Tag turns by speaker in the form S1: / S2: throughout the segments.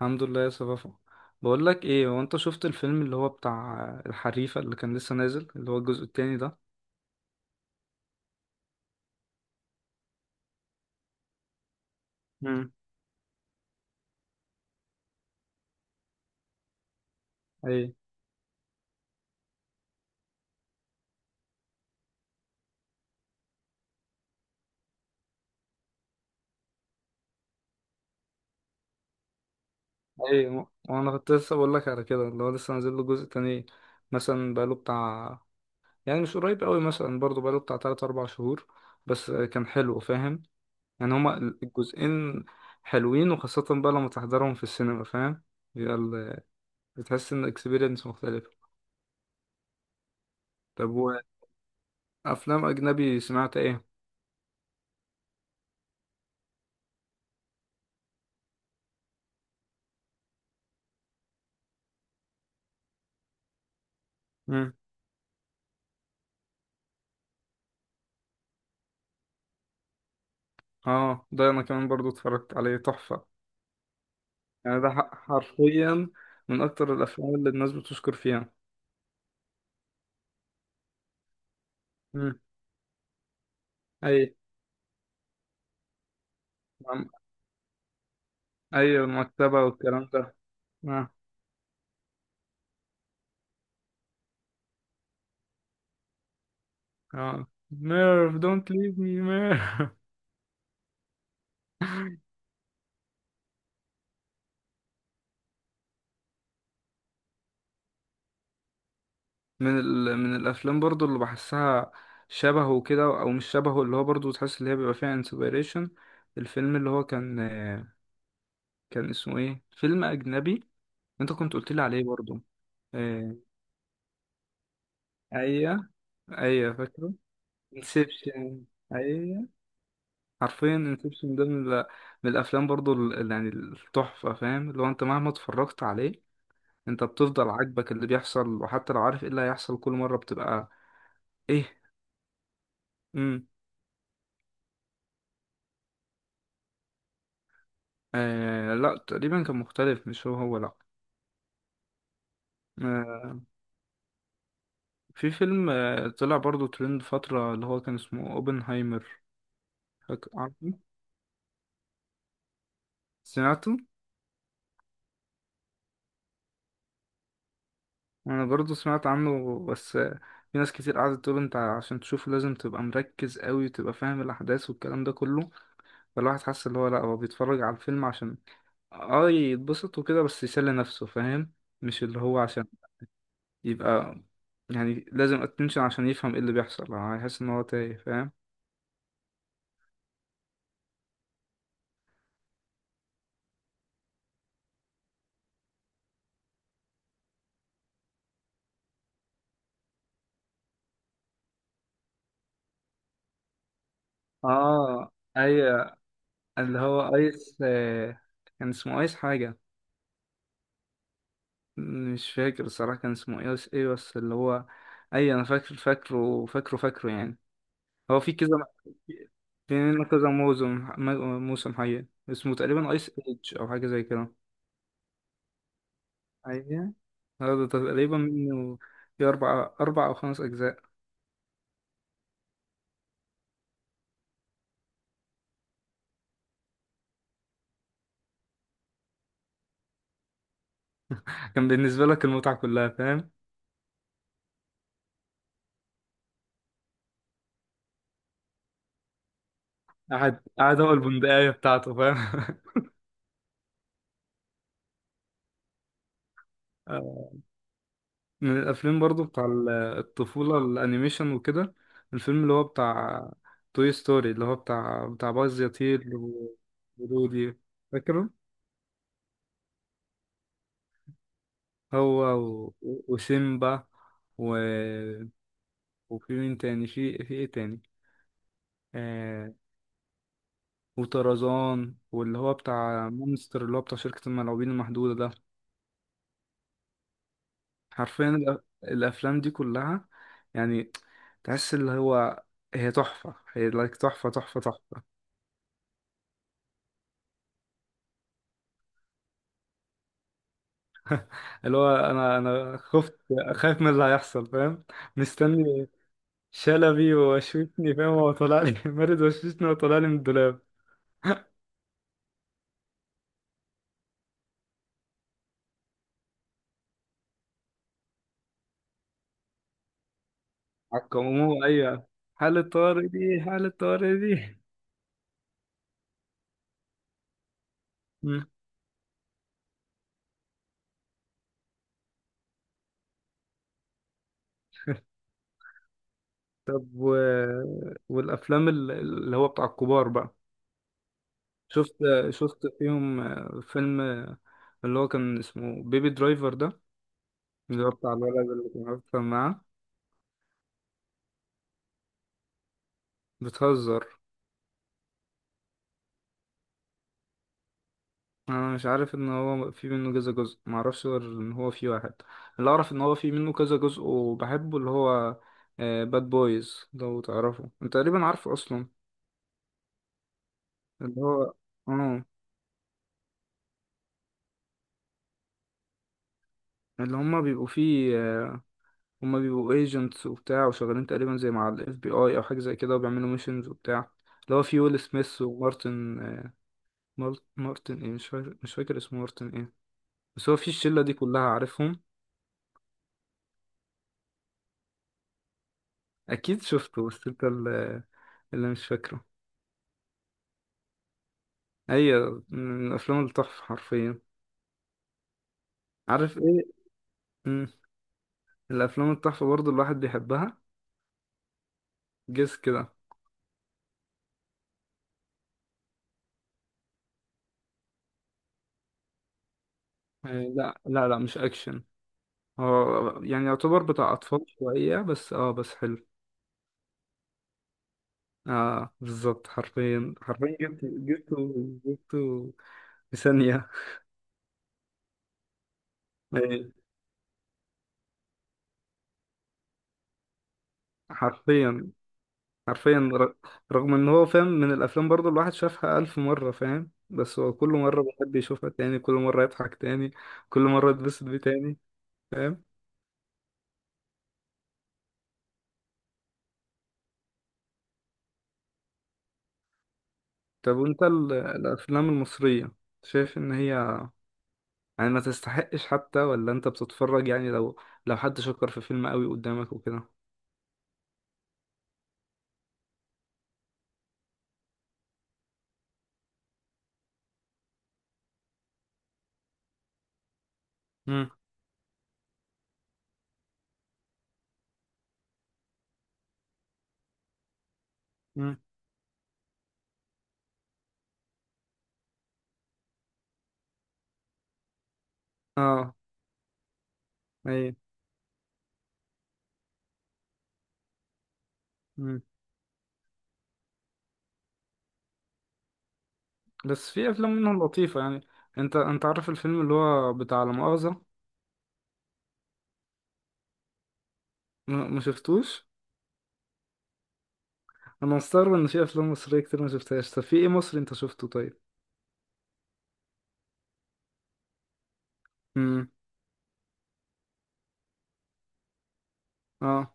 S1: الحمد لله يا صفافة. بقول لك ايه، هو انت شفت الفيلم اللي هو بتاع الحريفة اللي كان لسه نازل اللي هو الجزء التاني ده؟ مم. ايه. ايه، وانا كنت لسه بقول لك على كده اللي هو لسه نازل له جزء تاني، مثلا بقاله بتاع، يعني مش قريب قوي، مثلا برضه بقاله بتاع 3 4 شهور. بس كان حلو، فاهم؟ يعني هما الجزئين حلوين، وخاصة بقى لما تحضرهم في السينما، فاهم؟ بيبقى ال- بتحس ان اكسبيرينس مختلفة. طب، وافلام اجنبي سمعت؟ ايه. اه، ده انا كمان برضو اتفرجت عليه، تحفة. يعني حرفيا من اكتر الافلام اللي الناس بتشكر فيها. امم. اي. عم- اي، المكتبة والكلام ده. اه. اه، ميرف دونت ليف مي ميرف. من الافلام برضو اللي بحسها شبهه كده، او مش شبهه، اللي هو برضو تحس اللي هي بيبقى فيها انسبيريشن. الفيلم اللي هو كان، كان اسمه ايه؟ فيلم اجنبي انت كنت قلت لي عليه برضو. آه، ايوه. ايوه فاكره. انسبشن. حرفيا انسبشن، ده من، من الافلام برضو، يعني التحفه، فاهم؟ لو انت مهما اتفرجت عليه، انت بتفضل عاجبك اللي بيحصل، وحتى لو عارف ايه اللي هيحصل كل مره بتبقى. ايه. امم. آه، لا، تقريبا كان مختلف، مش هو هو. لا. آه في فيلم طلع برضو ترند فتره، اللي هو كان اسمه اوبنهايمر. عارفه، سمعته. انا برضو سمعت عنه، بس في ناس كتير قعدت تقول انت عشان تشوفه لازم تبقى مركز قوي، وتبقى فاهم الاحداث والكلام ده كله. فالواحد حاسس اللي هو لأ، هو بيتفرج على الفيلم عشان اه يتبسط وكده، بس يسلي نفسه، فاهم؟ مش اللي هو عشان يبقى، يعني لازم اتنشن عشان يفهم ايه اللي بيحصل، يعني هيحس ان هو تايه، فاهم؟ اه. ايوه. اللي هو ايس، كان اسمه ايس حاجة، مش فاكر الصراحة كان اسمه ايس ايه، بس اللي هو اي، انا فاكر، فاكره فاكره فاكره يعني. هو في كذا، في منه كذا موسم، موسم حقيقي اسمه تقريبا ايس ايج او حاجة زي كده. اه، ده تقريبا منه في أربع أو خمس أجزاء. كان بالنسبة لك المتعة كلها، فاهم؟ قعد هو البندقية بتاعته، فاهم؟ آه. من الأفلام برضو بتاع الطفولة، الأنيميشن وكده، الفيلم اللي هو بتاع توي ستوري، اللي هو بتاع باز يطير، و- ودودي، فاكره؟ هو، و... وسيمبا، و... وفي مين تاني؟ في إيه تاني؟ آه، وطرزان، واللي هو بتاع مونستر اللي هو بتاع شركة الملاعبين المحدودة ده. حرفيا الافلام دي كلها يعني تحس اللي هو هي تحفه، هي لايك، تحفه تحفه تحفه. اللي هو انا خفت، خايف من اللي هيحصل، فاهم؟ مستني شلبي وشوشني، فاهم؟ هو طلع لي مارد وشوشني وطلع لي من الدولاب. عقموه، ايوه. حالة طارق دي، حالة طارق دي. مم. و... والافلام اللي هو بتاع الكبار بقى، شفت شفت فيهم فيلم اللي هو كان اسمه بيبي درايفر ده، اللي هو بتاع الولد اللي كان أكتر معاه، بتهزر. أنا مش عارف إن هو في منه كذا جزء، معرفش غير إن هو في واحد. اللي أعرف إن هو في منه كذا جزء وبحبه، اللي هو باد بويز، لو تعرفه أنت تقريبا عارفه أصلا. اللي هو، اه، اللي هما بيبقوا فيه، هما بيبقوا ايجنتس وبتاع، وشغالين تقريبا زي مع الاف بي اي او حاجه زي كده، وبيعملوا ميشنز وبتاع. اللي هو في ويل سميث ومارتن، مارتن ايه؟ مش فاكر، اسمه مارتن ايه، بس هو في الشله دي كلها عارفهم. اكيد شفته، بس انت اللي، اللي مش فاكره. ايوه، من افلام التحفه حرفيا. عارف ايه؟ مم. الافلام التحفه برضو الواحد بيحبها، جس كده. آه، لا لا لا، مش اكشن. هو يعني يعتبر بتاع اطفال شويه، بس اه، بس حلو. اه، بالظبط، حرفيا حرفيا، جبته. جبته في ثانيه. آه. حرفيا حرفيا، رغم ان هو، فاهم، من الافلام برضو الواحد شافها الف مرة، فاهم؟ بس هو كل مرة بيحب يشوفها تاني، كل مرة يضحك تاني، كل مرة يتبسط بيه تاني، فاهم؟ طب، وانت الافلام المصرية، شايف ان هي يعني ما تستحقش حتى، ولا انت بتتفرج يعني لو، لو حد شكر في فيلم قوي قدامك وكده؟ مم. مم. اه. اي. مم. بس في افلام منهم لطيفة يعني. انت عارف الفيلم اللي هو بتاع لا مؤاخذة؟ ما شفتوش. انا مستغرب ان في افلام مصريه كتير ما شفتهاش. طب في ايه مصري انت شفته طيب؟ امم. اه.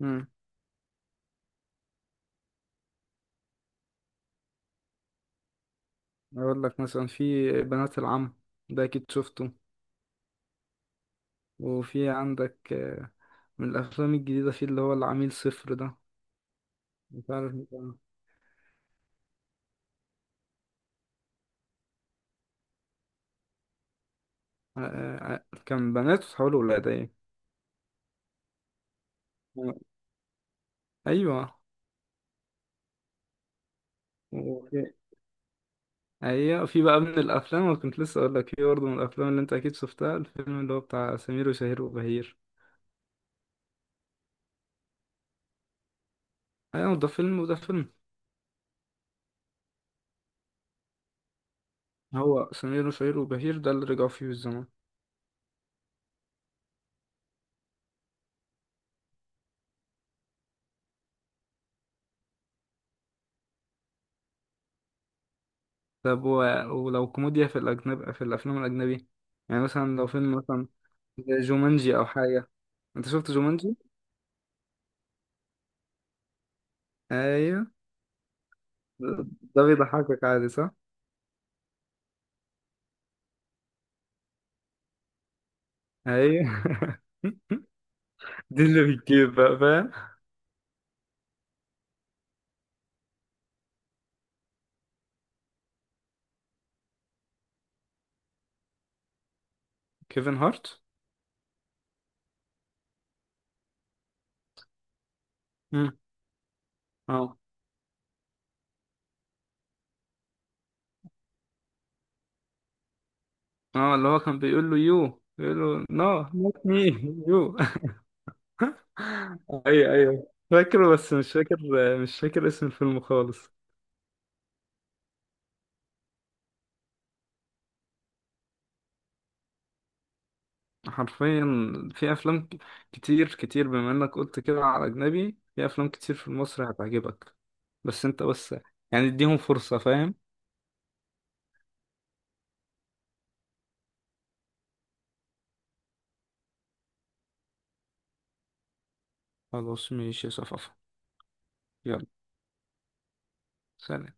S1: امم. اقول لك، مثلا، في بنات العم، ده اكيد شفته. وفي عندك، من الافلام الجديده، في اللي هو العميل صفر ده. مش عارف بقى. آه، آه، آه، كان بنات وتحولوا ولاد، ايه. ايوه. وفي، ايوه، في بقى من الافلام، وكنت لسه اقول لك في برضه من الافلام اللي انت اكيد شفتها، الفيلم اللي هو بتاع سمير وشهير وبهير. ايوه، ده فيلم، وده فيلم. هو سمير وشهير وبهير ده اللي رجعوا فيه الزمن. طب، و... ولو كوميديا في الأجنب، في الأفلام الأجنبي، يعني مثلا لو فيلم مثلا زي جومانجي أو حاجة. أنت شفت جومانجي؟ أيوه. ده بيضحكك عادي صح؟ أيوه. دي اللي بتجيب بقى فاهم؟ كيفن هارت؟ مم. اه. اه، اللي هو كان بيقول له يو، بيقول له نو نوت مي. يو. أيوه أيوه، فاكره، بس مش فاكر، اسم الفيلم خالص. حرفيا، في افلام كتير كتير، بما انك قلت كده على اجنبي، في افلام كتير في مصر هتعجبك. بس انت بس، يعني اديهم فرصة، فاهم؟ خلاص ماشي يا صفافة. يلا، سلام.